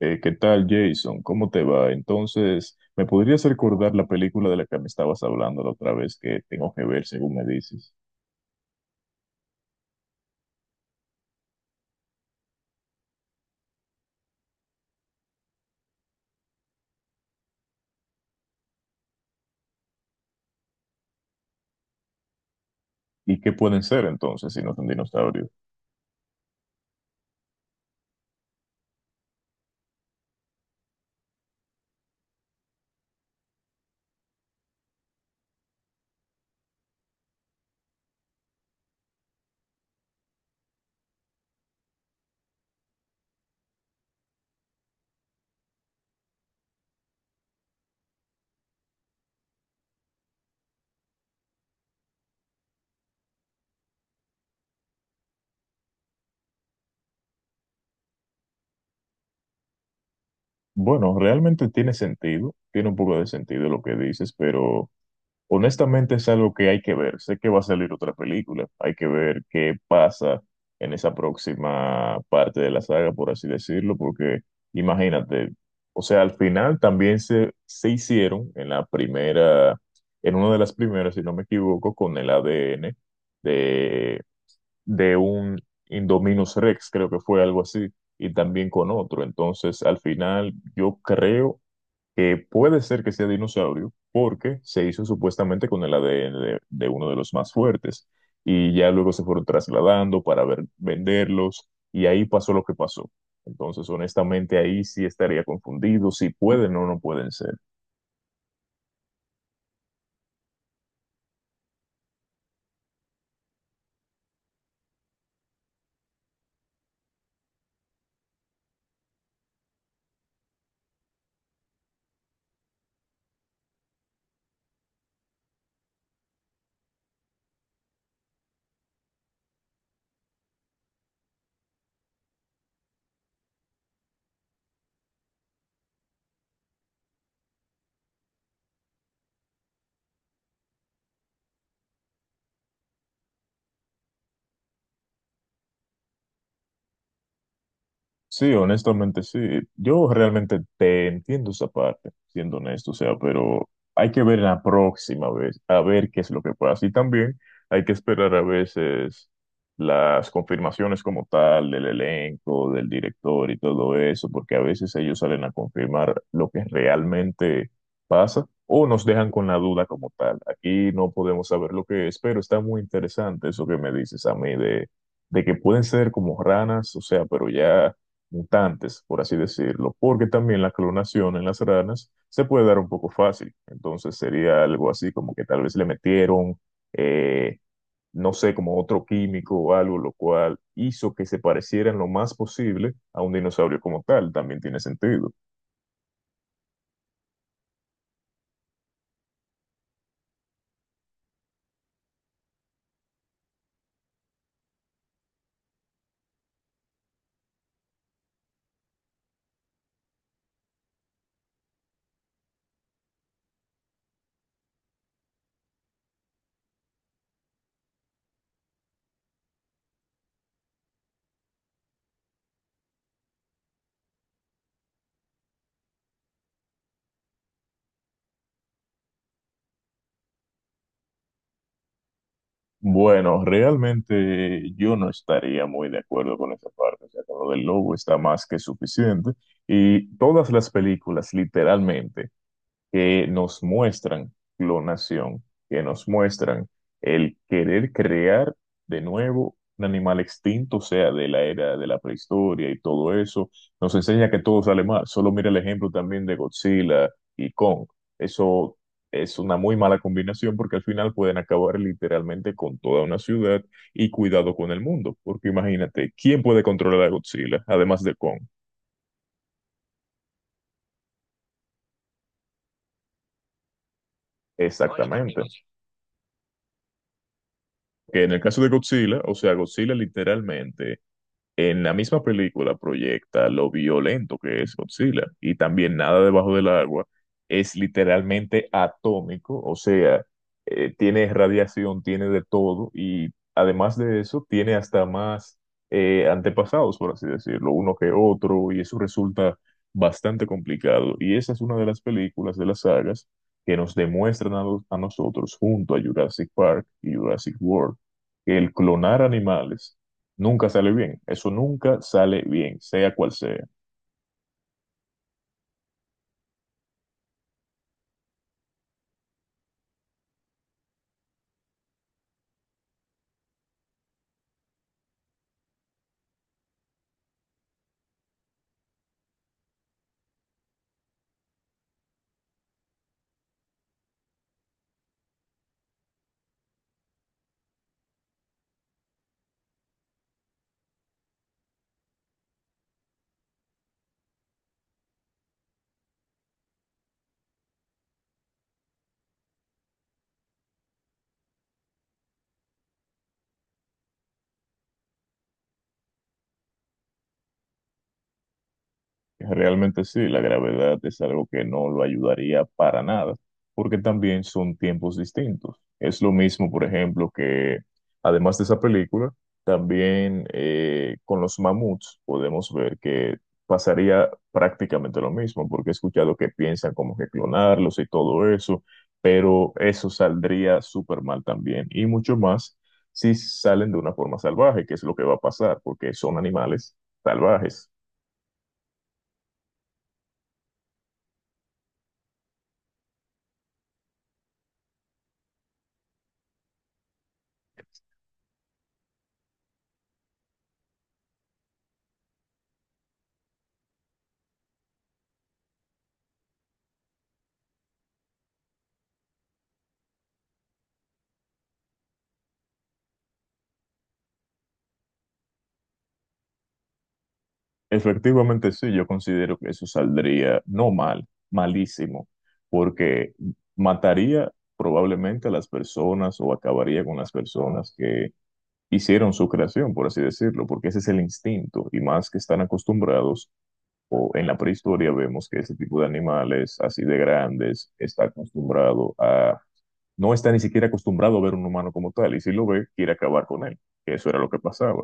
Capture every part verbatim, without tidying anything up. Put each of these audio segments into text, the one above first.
Eh, ¿qué tal, Jason? ¿Cómo te va? Entonces, ¿me podrías recordar la película de la que me estabas hablando la otra vez que tengo que ver, según me dices? ¿Y qué pueden ser entonces si no son dinosaurios? Bueno, realmente tiene sentido, tiene un poco de sentido lo que dices, pero honestamente es algo que hay que ver. Sé que va a salir otra película. Hay que ver qué pasa en esa próxima parte de la saga, por así decirlo, porque imagínate, o sea, al final también se, se hicieron en la primera, en una de las primeras, si no me equivoco, con el A D N de, de un Indominus Rex, creo que fue algo así, y también con otro. Entonces, al final, yo creo que puede ser que sea dinosaurio porque se hizo supuestamente con el A D N de, de uno de los más fuertes y ya luego se fueron trasladando para ver- venderlos y ahí pasó lo que pasó. Entonces, honestamente, ahí sí estaría confundido si pueden o no pueden ser. Sí, honestamente sí. Yo realmente te entiendo esa parte, siendo honesto, o sea, pero hay que ver la próxima vez, a ver qué es lo que pasa. Y también hay que esperar a veces las confirmaciones como tal del elenco, del director y todo eso, porque a veces ellos salen a confirmar lo que realmente pasa o nos dejan con la duda como tal. Aquí no podemos saber lo que es, pero está muy interesante eso que me dices a mí de, de que pueden ser como ranas, o sea, pero ya mutantes, por así decirlo, porque también la clonación en las ranas se puede dar un poco fácil. Entonces sería algo así como que tal vez le metieron, eh, no sé, como otro químico o algo, lo cual hizo que se parecieran lo más posible a un dinosaurio como tal. También tiene sentido. Bueno, realmente yo no estaría muy de acuerdo con esa parte. O sea, con lo del lobo está más que suficiente. Y todas las películas, literalmente que nos muestran clonación, que nos muestran el querer crear de nuevo un animal extinto, o sea, de la era de la prehistoria y todo eso, nos enseña que todo sale mal. Solo mira el ejemplo también de Godzilla y Kong. Eso es una muy mala combinación porque al final pueden acabar literalmente con toda una ciudad y cuidado con el mundo, porque imagínate, ¿quién puede controlar a Godzilla además de Kong? No, y también, exactamente. Que en el caso de Godzilla, o sea, Godzilla literalmente en la misma película proyecta lo violento que es Godzilla y también nada debajo del agua es literalmente atómico, o sea, eh, tiene radiación, tiene de todo y además de eso tiene hasta más eh, antepasados, por así decirlo, uno que otro y eso resulta bastante complicado y esa es una de las películas de las sagas que nos demuestran a, los- a nosotros junto a Jurassic Park y Jurassic World que el clonar animales nunca sale bien, eso nunca sale bien, sea cual sea. Realmente sí, la gravedad es algo que no lo ayudaría para nada, porque también son tiempos distintos. Es lo mismo, por ejemplo, que además de esa película, también eh, con los mamuts podemos ver que pasaría prácticamente lo mismo, porque he escuchado que piensan como que clonarlos y todo eso, pero eso saldría súper mal también, y mucho más si salen de una forma salvaje, que es lo que va a pasar, porque son animales salvajes. Efectivamente, sí, yo considero que eso saldría no mal, malísimo, porque mataría probablemente a las personas o acabaría con las personas que hicieron su creación, por así decirlo, porque ese es el instinto y más que están acostumbrados, o en la prehistoria vemos que ese tipo de animales así de grandes está acostumbrado a, no está ni siquiera acostumbrado a ver un humano como tal y si lo ve, quiere acabar con él, que eso era lo que pasaba.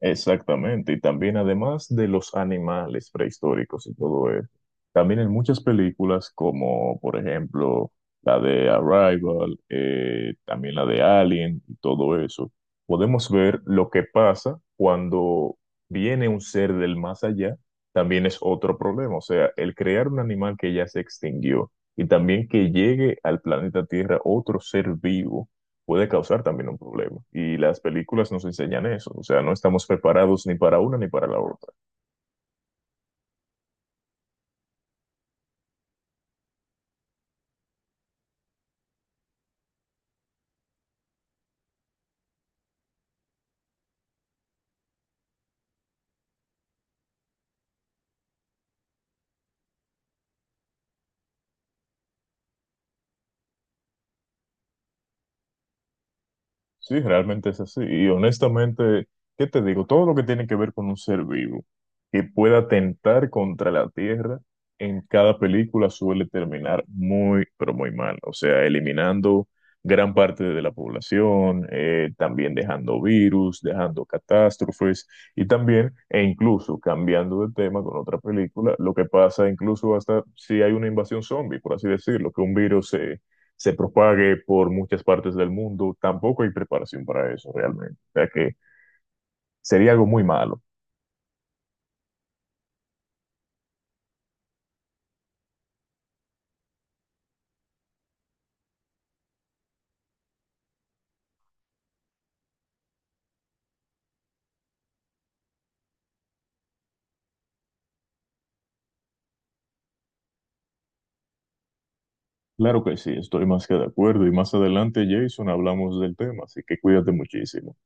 Exactamente, y también además de los animales prehistóricos y todo eso, también en muchas películas como por ejemplo la de Arrival, eh, también la de Alien y todo eso, podemos ver lo que pasa cuando viene un ser del más allá, también es otro problema, o sea, el crear un animal que ya se extinguió y también que llegue al planeta Tierra otro ser vivo puede causar también un problema. Y las películas nos enseñan eso, o sea, no estamos preparados ni para una ni para la otra. Sí, realmente es así. Y honestamente, ¿qué te digo? Todo lo que tiene que ver con un ser vivo que pueda atentar contra la Tierra en cada película suele terminar muy, pero muy mal. O sea, eliminando gran parte de la población, eh, también dejando virus, dejando catástrofes y también, e incluso cambiando de tema con otra película, lo que pasa incluso hasta si hay una invasión zombie, por así decirlo, que un virus se propague por muchas partes del mundo, tampoco hay preparación para eso realmente. O sea que sería algo muy malo. Claro que sí, estoy más que de acuerdo y más adelante, Jason, hablamos del tema, así que cuídate muchísimo.